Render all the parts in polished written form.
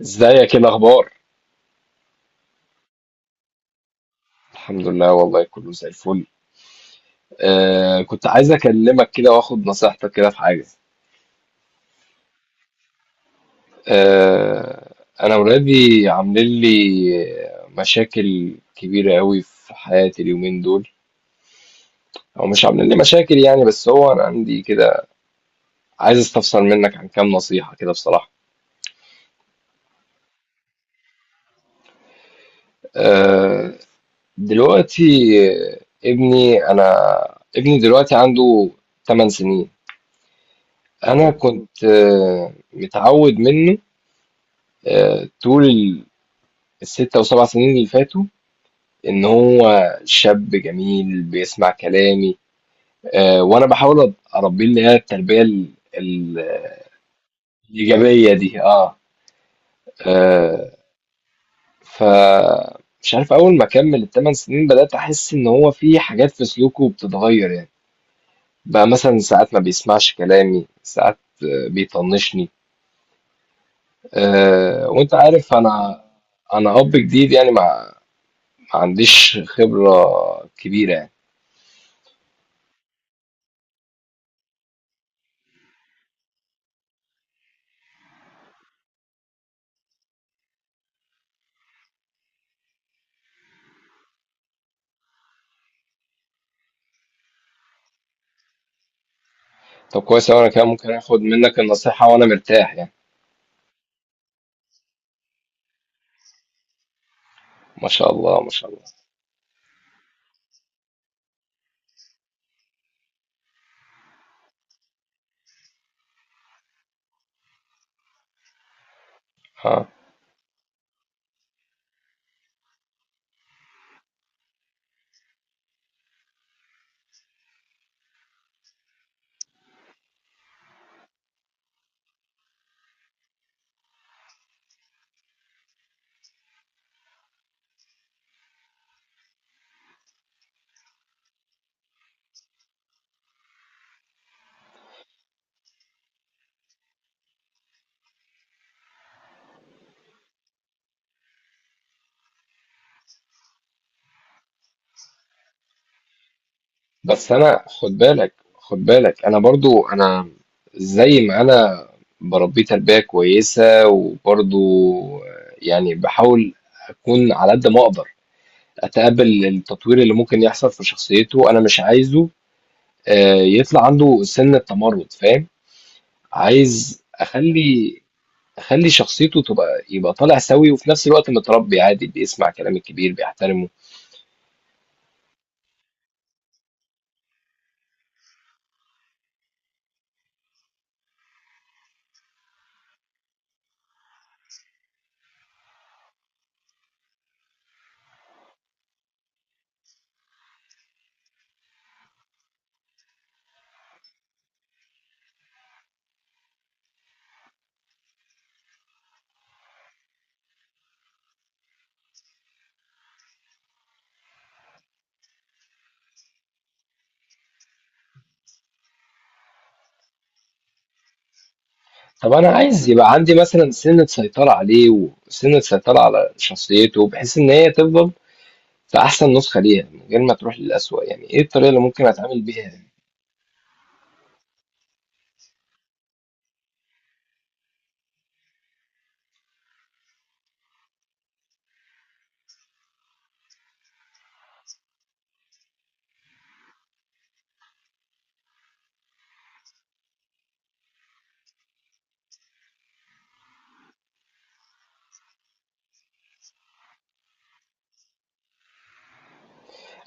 ازيك؟ ايه الاخبار؟ الحمد لله، والله كله زي الفل. كنت عايز اكلمك كده واخد نصيحتك كده في حاجه. آه انا ولادي عاملين لي مشاكل كبيره قوي في حياتي اليومين دول، او مش عاملين لي مشاكل يعني، بس هو انا عندي كده، عايز استفسر منك عن كام نصيحه كده بصراحه. آه دلوقتي، ابني انا ابني دلوقتي عنده 8 سنين. انا كنت متعود منه طول ال6 و7 سنين اللي فاتوا، ان هو شاب جميل بيسمع كلامي. وانا بحاول اربيه، اللي هي التربية ال- الايجابية دي. اه. آه، ف مش عارف، اول ما كمل ال8 سنين بدأت احس ان هو في حاجات في سلوكه بتتغير، يعني بقى مثلا ساعات ما بيسمعش كلامي، ساعات بيطنشني. وانت عارف، انا اب جديد يعني، ما عنديش خبرة كبيرة. طب كويس أوي، أنا كده ممكن آخد منك النصيحة وأنا مرتاح يعني. ما شاء الله، ما شاء الله. ها. بس أنا، خد بالك، خد بالك، أنا برضو، أنا زي ما أنا بربيه تربية كويسة، وبرضو يعني بحاول أكون على قد ما أقدر أتقبل التطوير اللي ممكن يحصل في شخصيته. أنا مش عايزه يطلع عنده سن التمرد، فاهم؟ عايز أخلي شخصيته تبقى، يبقى طالع سوي، وفي نفس الوقت متربي عادي بيسمع كلام الكبير بيحترمه. طب انا عايز يبقى عندي مثلا سنة سيطرة عليه، وسنة سيطرة على شخصيته، بحيث ان هي تفضل في احسن نسخة ليها من غير ما تروح للأسوأ. يعني ايه الطريقة اللي ممكن اتعامل بيها يعني؟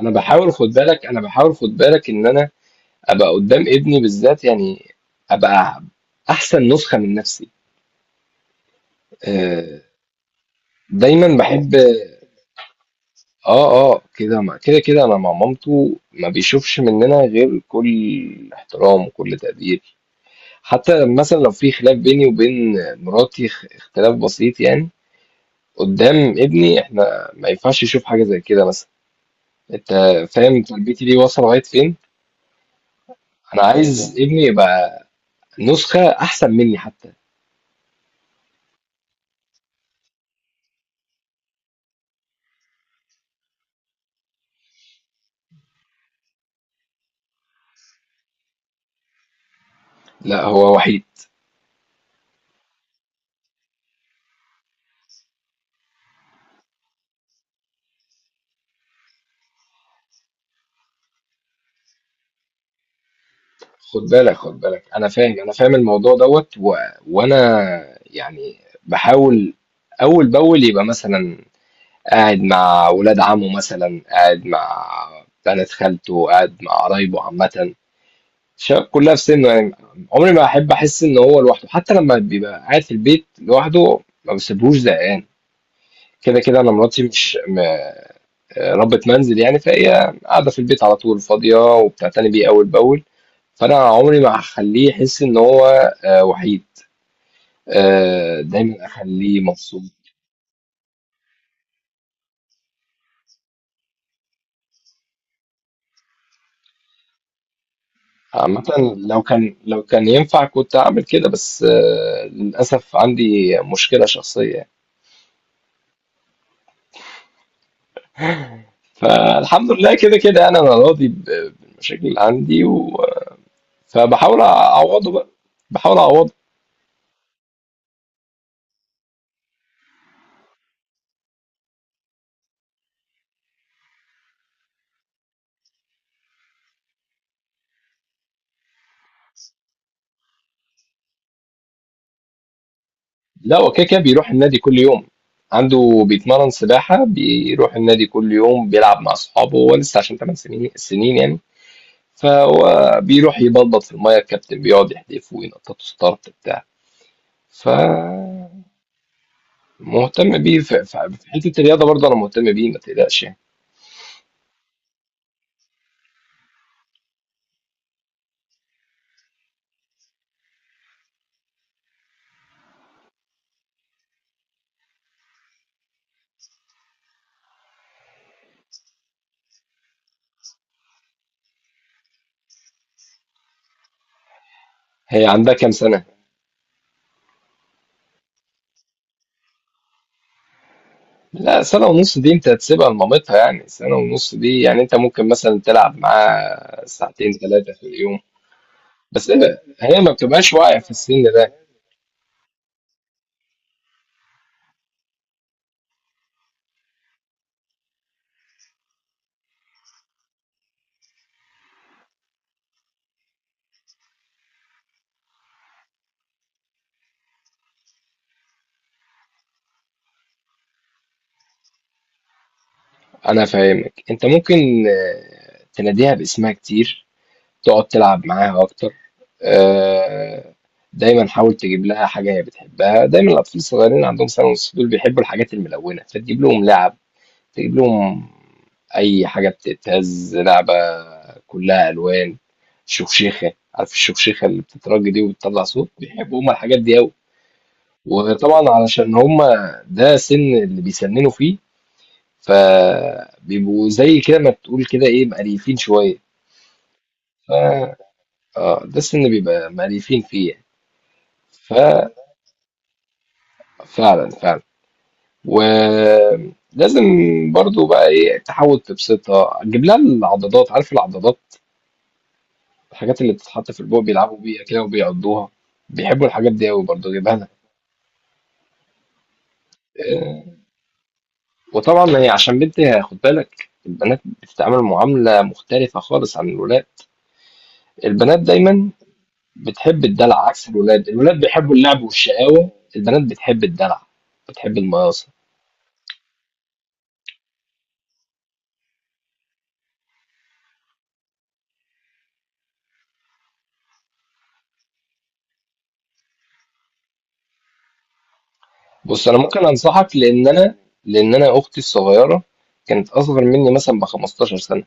انا بحاول خد بالك ان انا ابقى قدام ابني بالذات يعني، ابقى احسن نسخة من نفسي. آه، دايما بحب. اه، اه، كده، كده انا مع مامته ما بيشوفش مننا غير كل احترام وكل تقدير. حتى مثلا لو في خلاف بيني وبين مراتي، اختلاف بسيط يعني، قدام ابني احنا ما ينفعش يشوف حاجة زي كده مثلا. انت فاهم تربيتي دي واصلة لغاية فين؟ انا عايز فاهم ابني يبقى نسخة احسن مني حتى. لا، هو وحيد. خد بالك، خد بالك، انا فاهم الموضوع دوت وانا يعني بحاول اول باول يبقى مثلا قاعد مع ولاد عمه، مثلا قاعد مع بنات خالته، قاعد مع قرايبه عامة، كلها في سنه يعني. عمري ما احب احس ان هو لوحده، حتى لما بيبقى قاعد في البيت لوحده ما بسيبهوش زهقان. كده كده انا مراتي مش ربة منزل يعني، فهي قاعده في البيت على طول فاضيه وبتعتني بيه اول باول. فانا عمري ما هخليه يحس ان هو وحيد. دايما اخليه مبسوط. عامة لو كان ينفع كنت اعمل كده، بس للاسف عندي مشكله شخصيه. فالحمد لله كده كده يعني انا راضي بالمشاكل اللي عندي فبحاول اعوضه بقى، بحاول اعوضه. لا، هو كده كده بيروح النادي كل يوم. عنده بيتمرن سباحة، بيروح النادي كل يوم، بيلعب مع أصحابه، هو لسه عشان 8 سنين يعني، فهو بيروح يبلبط في المية، الكابتن بيقعد يحدفه وينططه ستارت بتاع. فمهتم بيه في حتة الرياضة برضه، أنا مهتم بيه ما تقلقش يعني. هي عندها كام سنة؟ لا، سنة ونص دي انت هتسيبها لمامتها يعني، سنة ونص دي يعني انت ممكن مثلا تلعب معاها ساعتين ثلاثة في اليوم، بس هي ما بتبقاش واعية في السن ده. انا فاهمك، انت ممكن تناديها باسمها كتير، تقعد تلعب معاها اكتر. آه، دايما حاول تجيب لها حاجة هي بتحبها، دايما الاطفال الصغيرين عندهم سنة ونص دول بيحبوا الحاجات الملونة، فتجيب لهم لعب، تجيب لهم أي حاجة بتتهز، لعبة كلها ألوان. شوشيخة، عارف الشوشيخة اللي بتترج دي وبتطلع صوت؟ بيحبوا هما الحاجات دي أوي. وطبعا علشان هما ده سن اللي بيسننوا فيه، فبيبقوا زي كده ما تقول كده إيه، مقريفين شوية. اه، ده السن اللي بيبقى مقريفين فيه يعني. ففعلا، فعلا. ولازم برضو بقى ايه، تحاول تبسطها، تجيب لها العضادات، عارف العضادات الحاجات اللي بتتحط في البوق بيلعبوا بيها كده وبيقضوها؟ بيحبوا الحاجات دي قوي برضه، جايبها لك. آه، وطبعا هي عشان بنت، خد بالك، البنات بتتعامل معاملة مختلفة خالص عن الولاد. البنات دايما بتحب الدلع، عكس الولاد بيحبوا اللعب والشقاوة، البنات بتحب الدلع، بتحب المقاصة. بص انا ممكن انصحك، لان انا، لان انا اختي الصغيرة كانت اصغر مني مثلا ب 15 سنة،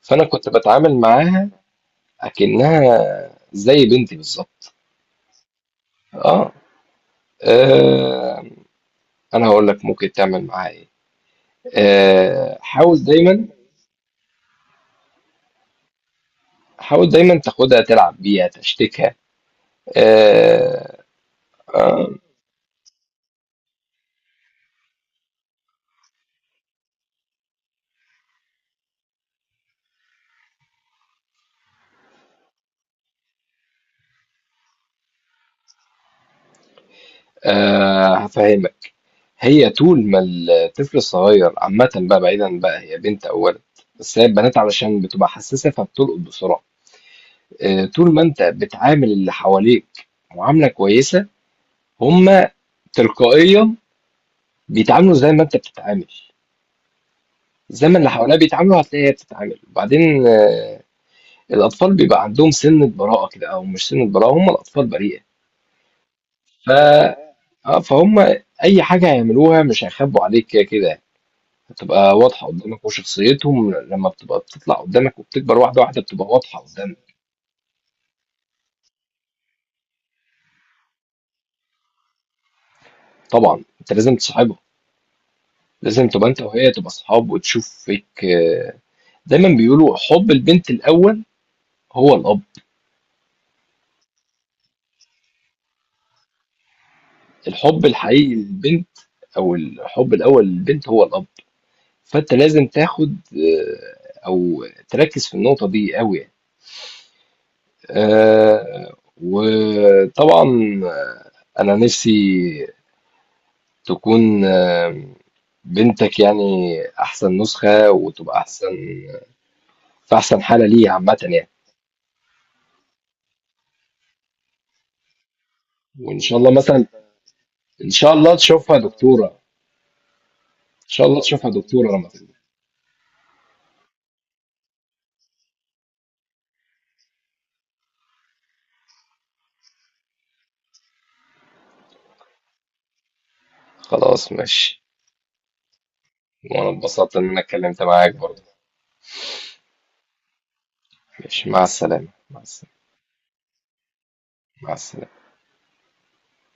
فانا كنت بتعامل معاها اكنها زي بنتي بالظبط. اه. آه، انا هقول لك ممكن تعمل معاها ايه. حاول دايما، تاخدها تلعب بيها تشتكها. آه، هفهمك. هي طول ما الطفل الصغير عامة بقى، بعيدا بقى هي بنت او ولد، بس هي البنات علشان بتبقى حساسة فبتلقط بسرعة. طول ما انت بتعامل اللي حواليك معاملة كويسة، هما تلقائيا بيتعاملوا زي ما انت بتتعامل. زي ما اللي حواليها بيتعاملوا هتلاقي هي بتتعامل. وبعدين الأطفال بيبقى عندهم سِنّة براءة كده، أو مش سِنّة براءة، هُم الأطفال بريئة، ف آه، فهُم أي حاجة هيعملوها مش هيخبّوا عليك، كده كده هتبقى واضحة قُدّامك. وشخصيتهم لمّا بتبقى بتطلع قُدّامك وبتكبر واحدة، واحدة، بتبقى واضحة قُدّامك. طبعًا أنت لازم تصاحبها، لازم تبقى أنت وهي تبقى أصحاب وتشوف فيك دايمًا بيقولوا حُب البنت الأول هو الأب. الحُب الحقيقي للبنت، أو الحُب الأول للبنت، هو الأب. فأنت لازم تاخد، أو تركّز في النقطة دي أوي يعني. وطبعا انا نفسي تكون بنتك يعني احسن نسخة، وتبقى احسن في احسن حالة ليها عامة يعني. وان شاء الله مثلا، ان شاء الله تشوفها دكتورة، لما تكبر. خلاص، ماشي. وانا اتبسطت ان انا اتكلمت معاك برضه. ماشي، مع السلامة، مع السلامة. مع السلامة.